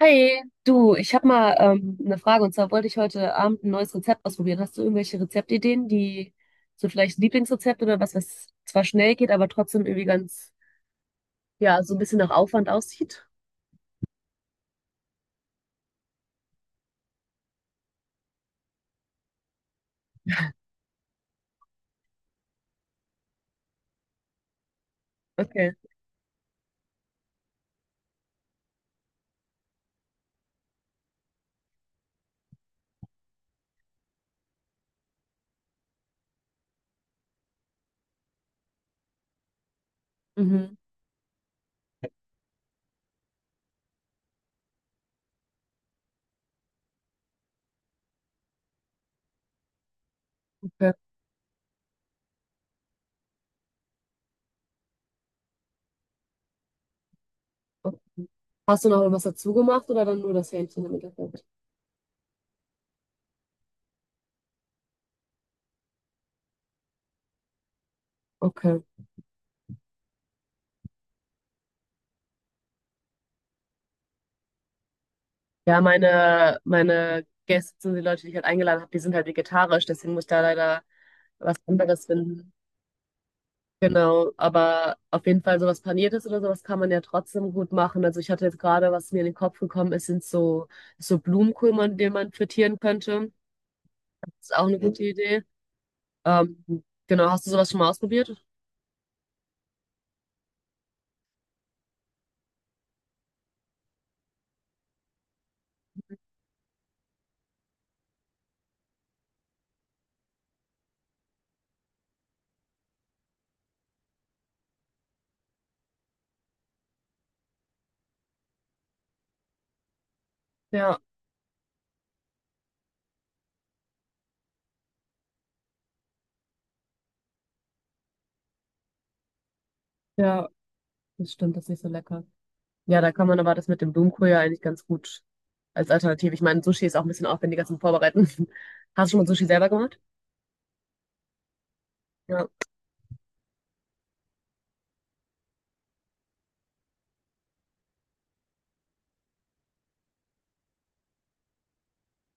Hi, du, ich habe mal eine Frage und zwar wollte ich heute Abend ein neues Rezept ausprobieren. Hast du irgendwelche Rezeptideen, die so vielleicht Lieblingsrezept oder was, was zwar schnell geht, aber trotzdem irgendwie ganz, ja, so ein bisschen nach Aufwand aussieht? Okay. Mhm. Okay. Okay. Hast du noch irgendwas dazu gemacht oder dann nur das Hähnchen im Endeffekt? Okay. Ja, meine Gäste, die Leute, die ich halt eingeladen habe, die sind halt vegetarisch, deswegen muss ich da leider was anderes finden. Genau, aber auf jeden Fall sowas Paniertes oder sowas kann man ja trotzdem gut machen. Also ich hatte jetzt gerade, was mir in den Kopf gekommen ist, sind so, so Blumenkohl, man, den man frittieren könnte. Ist auch eine gute, mhm, Idee. Ähm, genau, hast du sowas schon mal ausprobiert? Ja, ja, das stimmt, das ist nicht so lecker. Ja, da kann man aber das mit dem Blumenkohl ja eigentlich ganz gut als Alternative. Ich meine, Sushi ist auch ein bisschen aufwendiger zum Vorbereiten. Hast du schon mal Sushi selber gemacht? Ja,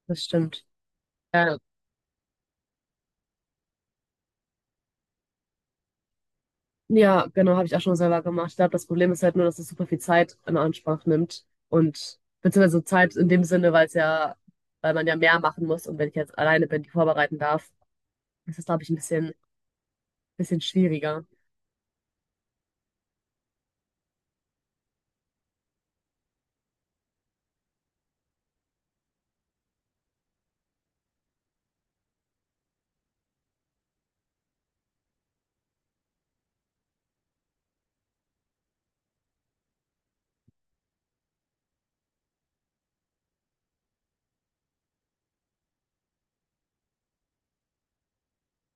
das stimmt. Ja, ja, genau, habe ich auch schon selber gemacht. Ich glaube, das Problem ist halt nur, dass es super viel Zeit in Anspruch nimmt und beziehungsweise Zeit in dem Sinne, weil es ja, weil man ja mehr machen muss und wenn ich jetzt alleine bin, die vorbereiten darf, ist das, glaube ich, ein bisschen schwieriger.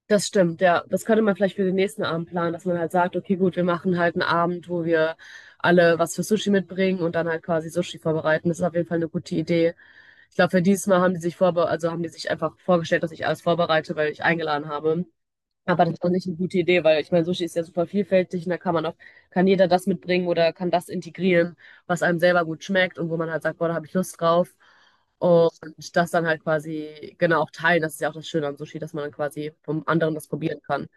Das stimmt, ja. Das könnte man vielleicht für den nächsten Abend planen, dass man halt sagt, okay, gut, wir machen halt einen Abend, wo wir alle was für Sushi mitbringen und dann halt quasi Sushi vorbereiten. Das ist auf jeden Fall eine gute Idee. Ich glaube, für dieses Mal haben die sich vorbe, also haben die sich einfach vorgestellt, dass ich alles vorbereite, weil ich eingeladen habe. Aber das ist doch nicht eine gute Idee, weil ich meine, Sushi ist ja super vielfältig und da kann man auch, kann jeder das mitbringen oder kann das integrieren, was einem selber gut schmeckt und wo man halt sagt, boah, da habe ich Lust drauf. Und das dann halt quasi, genau, auch teilen. Das ist ja auch das Schöne am Sushi, dass man dann quasi vom anderen das probieren kann.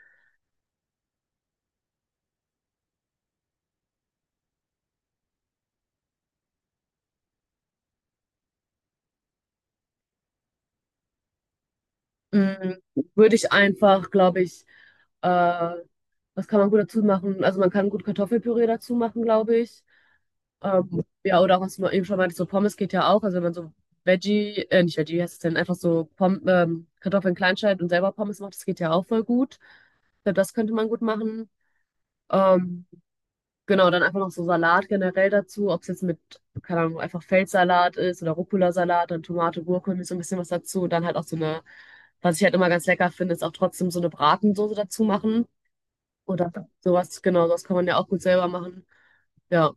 Mm, würde ich einfach, glaube ich, äh, was kann man gut dazu machen? Also man kann gut Kartoffelpüree dazu machen, glaube ich. Ja, oder auch, was man eben schon meinte, so Pommes geht ja auch. Also wenn man so Veggie, nicht Veggie, wie heißt es denn, einfach so Pom Kartoffeln klein schneidet und selber Pommes macht, das geht ja auch voll gut. Ich glaube, das könnte man gut machen. Ähm, genau, dann einfach noch so Salat generell dazu, ob es jetzt mit, keine Ahnung, einfach Feldsalat ist oder Rucola-Salat, dann Tomate, Gurke, irgendwie so ein bisschen was dazu. Und dann halt auch so eine, was ich halt immer ganz lecker finde, ist auch trotzdem so eine Bratensoße dazu machen. Oder sowas, genau, sowas kann man ja auch gut selber machen. Ja,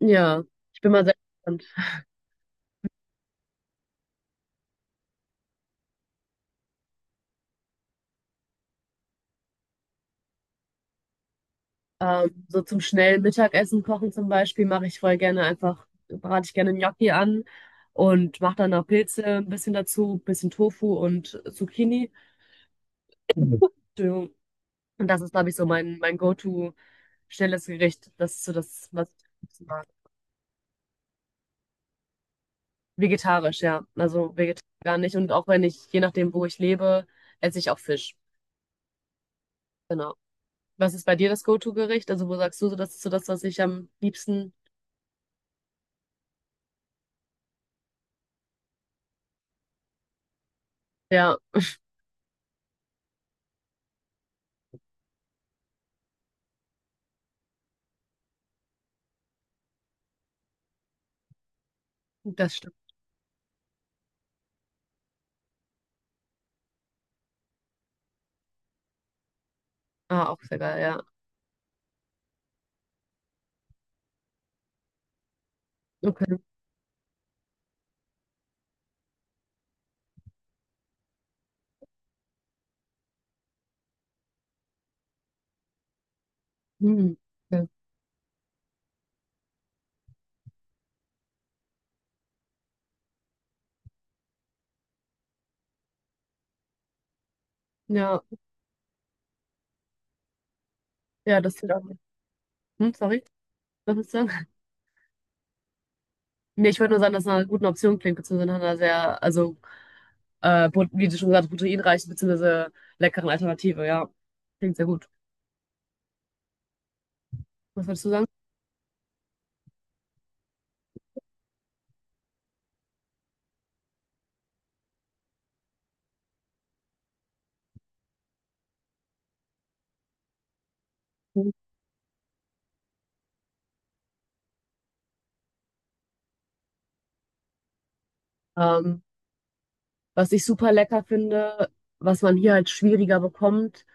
ja. Ich bin mal sehr. So zum schnellen Mittagessen kochen zum Beispiel mache ich voll gerne einfach, brate ich gerne Gnocchi an und mache dann noch Pilze ein bisschen dazu, bisschen Tofu und Zucchini. Entschuldigung. Und das ist, glaube ich, so mein Go-to schnelles Gericht. Das ist so das, was ich am liebsten mag. Vegetarisch, ja. Also vegetarisch gar nicht. Und auch wenn ich, je nachdem, wo ich lebe, esse ich auch Fisch. Genau. Was ist bei dir das Go-to-Gericht? Also wo sagst du so, das ist so das, was ich am liebsten, ja, das stimmt. Ah, auch sehr geil, ja. Okay. Hm. Okay. Ja, ja, das klingt auch. Hm, sorry, was willst du sagen? Nee, ich wollte nur sagen, dass es nach einer guten Option klingt, beziehungsweise nach einer sehr, also, pro- wie du schon gesagt hast, proteinreichen, beziehungsweise leckeren Alternative, ja. Klingt sehr gut. Was würdest du sagen? Mhm. Ähm, Was ich super lecker finde, was man hier halt schwieriger bekommt,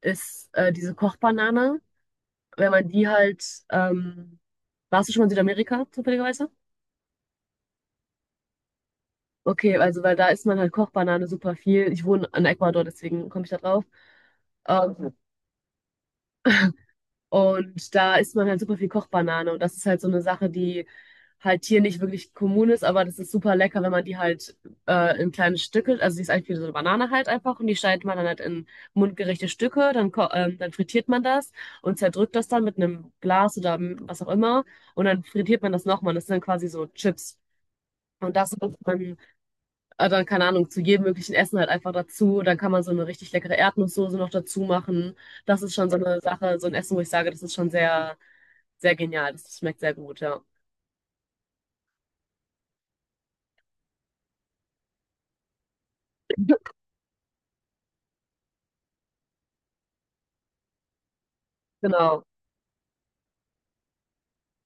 ist diese Kochbanane. Wenn man die halt, ähm, warst du schon mal in Südamerika, zufälligerweise? Okay, also weil da isst man halt Kochbanane super viel. Ich wohne in Ecuador, deswegen komme ich da drauf. Ähm, Und da isst man halt super viel Kochbanane. Und das ist halt so eine Sache, die halt hier nicht wirklich kommun ist, aber das ist super lecker, wenn man die halt in kleine Stücke, also die ist eigentlich wie so eine Banane halt einfach, und die schneidet man dann halt in mundgerechte Stücke, dann, ko- dann frittiert man das und zerdrückt das dann mit einem Glas oder m- was auch immer. Und dann frittiert man das nochmal. Das sind dann quasi so Chips. Und das macht man dann, keine Ahnung, zu jedem möglichen Essen halt einfach dazu. Dann kann man so eine richtig leckere Erdnusssoße noch dazu machen. Das ist schon so eine Sache, so ein Essen, wo ich sage, das ist schon sehr. Sehr genial, das schmeckt sehr gut, ja. Genau,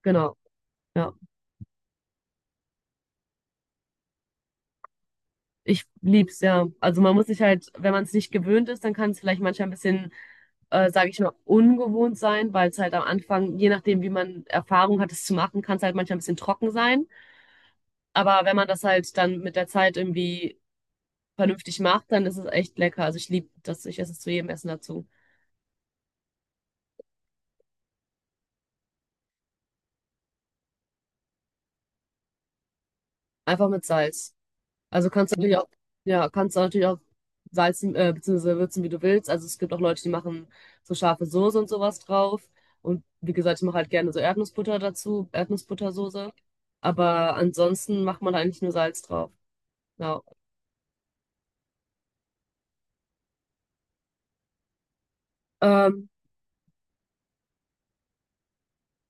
genau, ja. Ich lieb's, ja. Also man muss sich halt, wenn man es nicht gewöhnt ist, dann kann es vielleicht manchmal ein bisschen, sage ich mal, ungewohnt sein, weil es halt am Anfang, je nachdem, wie man Erfahrung hat, es zu machen, kann es halt manchmal ein bisschen trocken sein. Aber wenn man das halt dann mit der Zeit irgendwie vernünftig macht, dann ist es echt lecker. Also ich liebe das, ich esse es zu jedem Essen dazu. Einfach mit Salz. Also kannst du natürlich auch, ja, kannst du natürlich auch salzen, beziehungsweise würzen, wie du willst. Also es gibt auch Leute, die machen so scharfe Soße und sowas drauf. Und wie gesagt, ich mache halt gerne so Erdnussbutter dazu, Erdnussbuttersoße. Aber ansonsten macht man eigentlich nur Salz drauf. Ja. Ähm,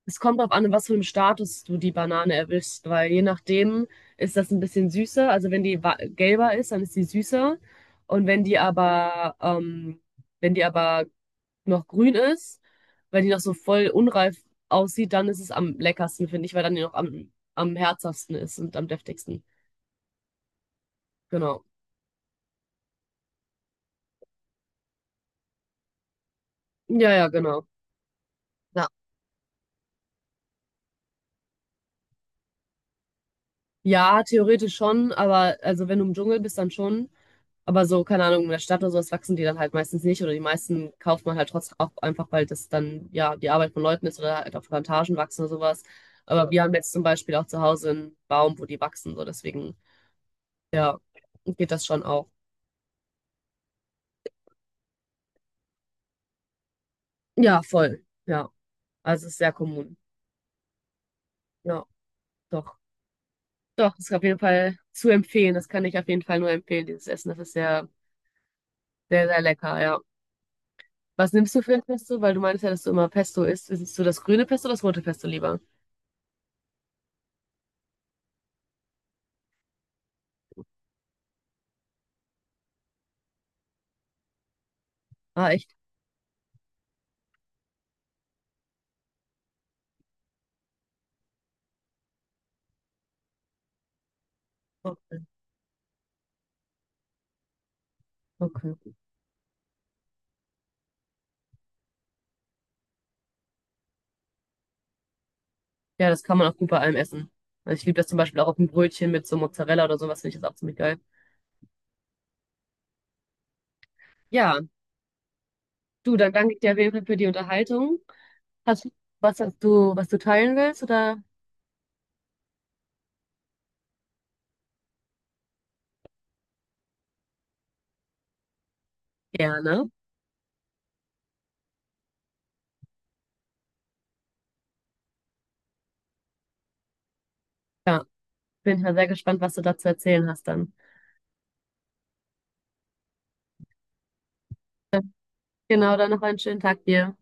Es kommt darauf an, in was für einem Status du die Banane erwischst, weil je nachdem ist das ein bisschen süßer. Also wenn die wa- gelber ist, dann ist die süßer. Und wenn die aber, wenn die aber noch grün ist, weil die noch so voll unreif aussieht, dann ist es am leckersten, finde ich, weil dann die noch am herzhaftesten ist und am deftigsten. Genau. Ja, ja, genau. Ja. Ja, theoretisch schon, aber also wenn du im Dschungel bist, dann schon. Aber so, keine Ahnung, in der Stadt oder sowas wachsen die dann halt meistens nicht oder die meisten kauft man halt trotzdem auch einfach, weil das dann ja die Arbeit von Leuten ist oder halt auf Plantagen wachsen oder sowas. Aber wir haben jetzt zum Beispiel auch zu Hause einen Baum, wo die wachsen, so deswegen, ja, geht das schon auch. Ja, voll. Ja. Also es ist sehr kommun. Ja, doch. Doch, das ist auf jeden Fall zu empfehlen. Das kann ich auf jeden Fall nur empfehlen, dieses Essen. Das ist sehr, sehr, sehr lecker, ja. Was nimmst du für ein Pesto? Weil du meinst ja, dass du immer Pesto isst. Isst du das grüne Pesto oder das rote Pesto lieber? Ah, echt? Okay. Okay. Ja, das kann man auch gut bei allem essen. Also ich liebe das zum Beispiel auch auf ein Brötchen mit so Mozzarella oder sowas, finde ich das auch ziemlich geil. Ja, du, dann danke ich dir auf jeden Fall für die Unterhaltung. Hast du was, was du teilen willst oder? Gerne. Ja, bin ich mal sehr gespannt, was du da zu erzählen hast dann. Genau, dann noch einen schönen Tag dir.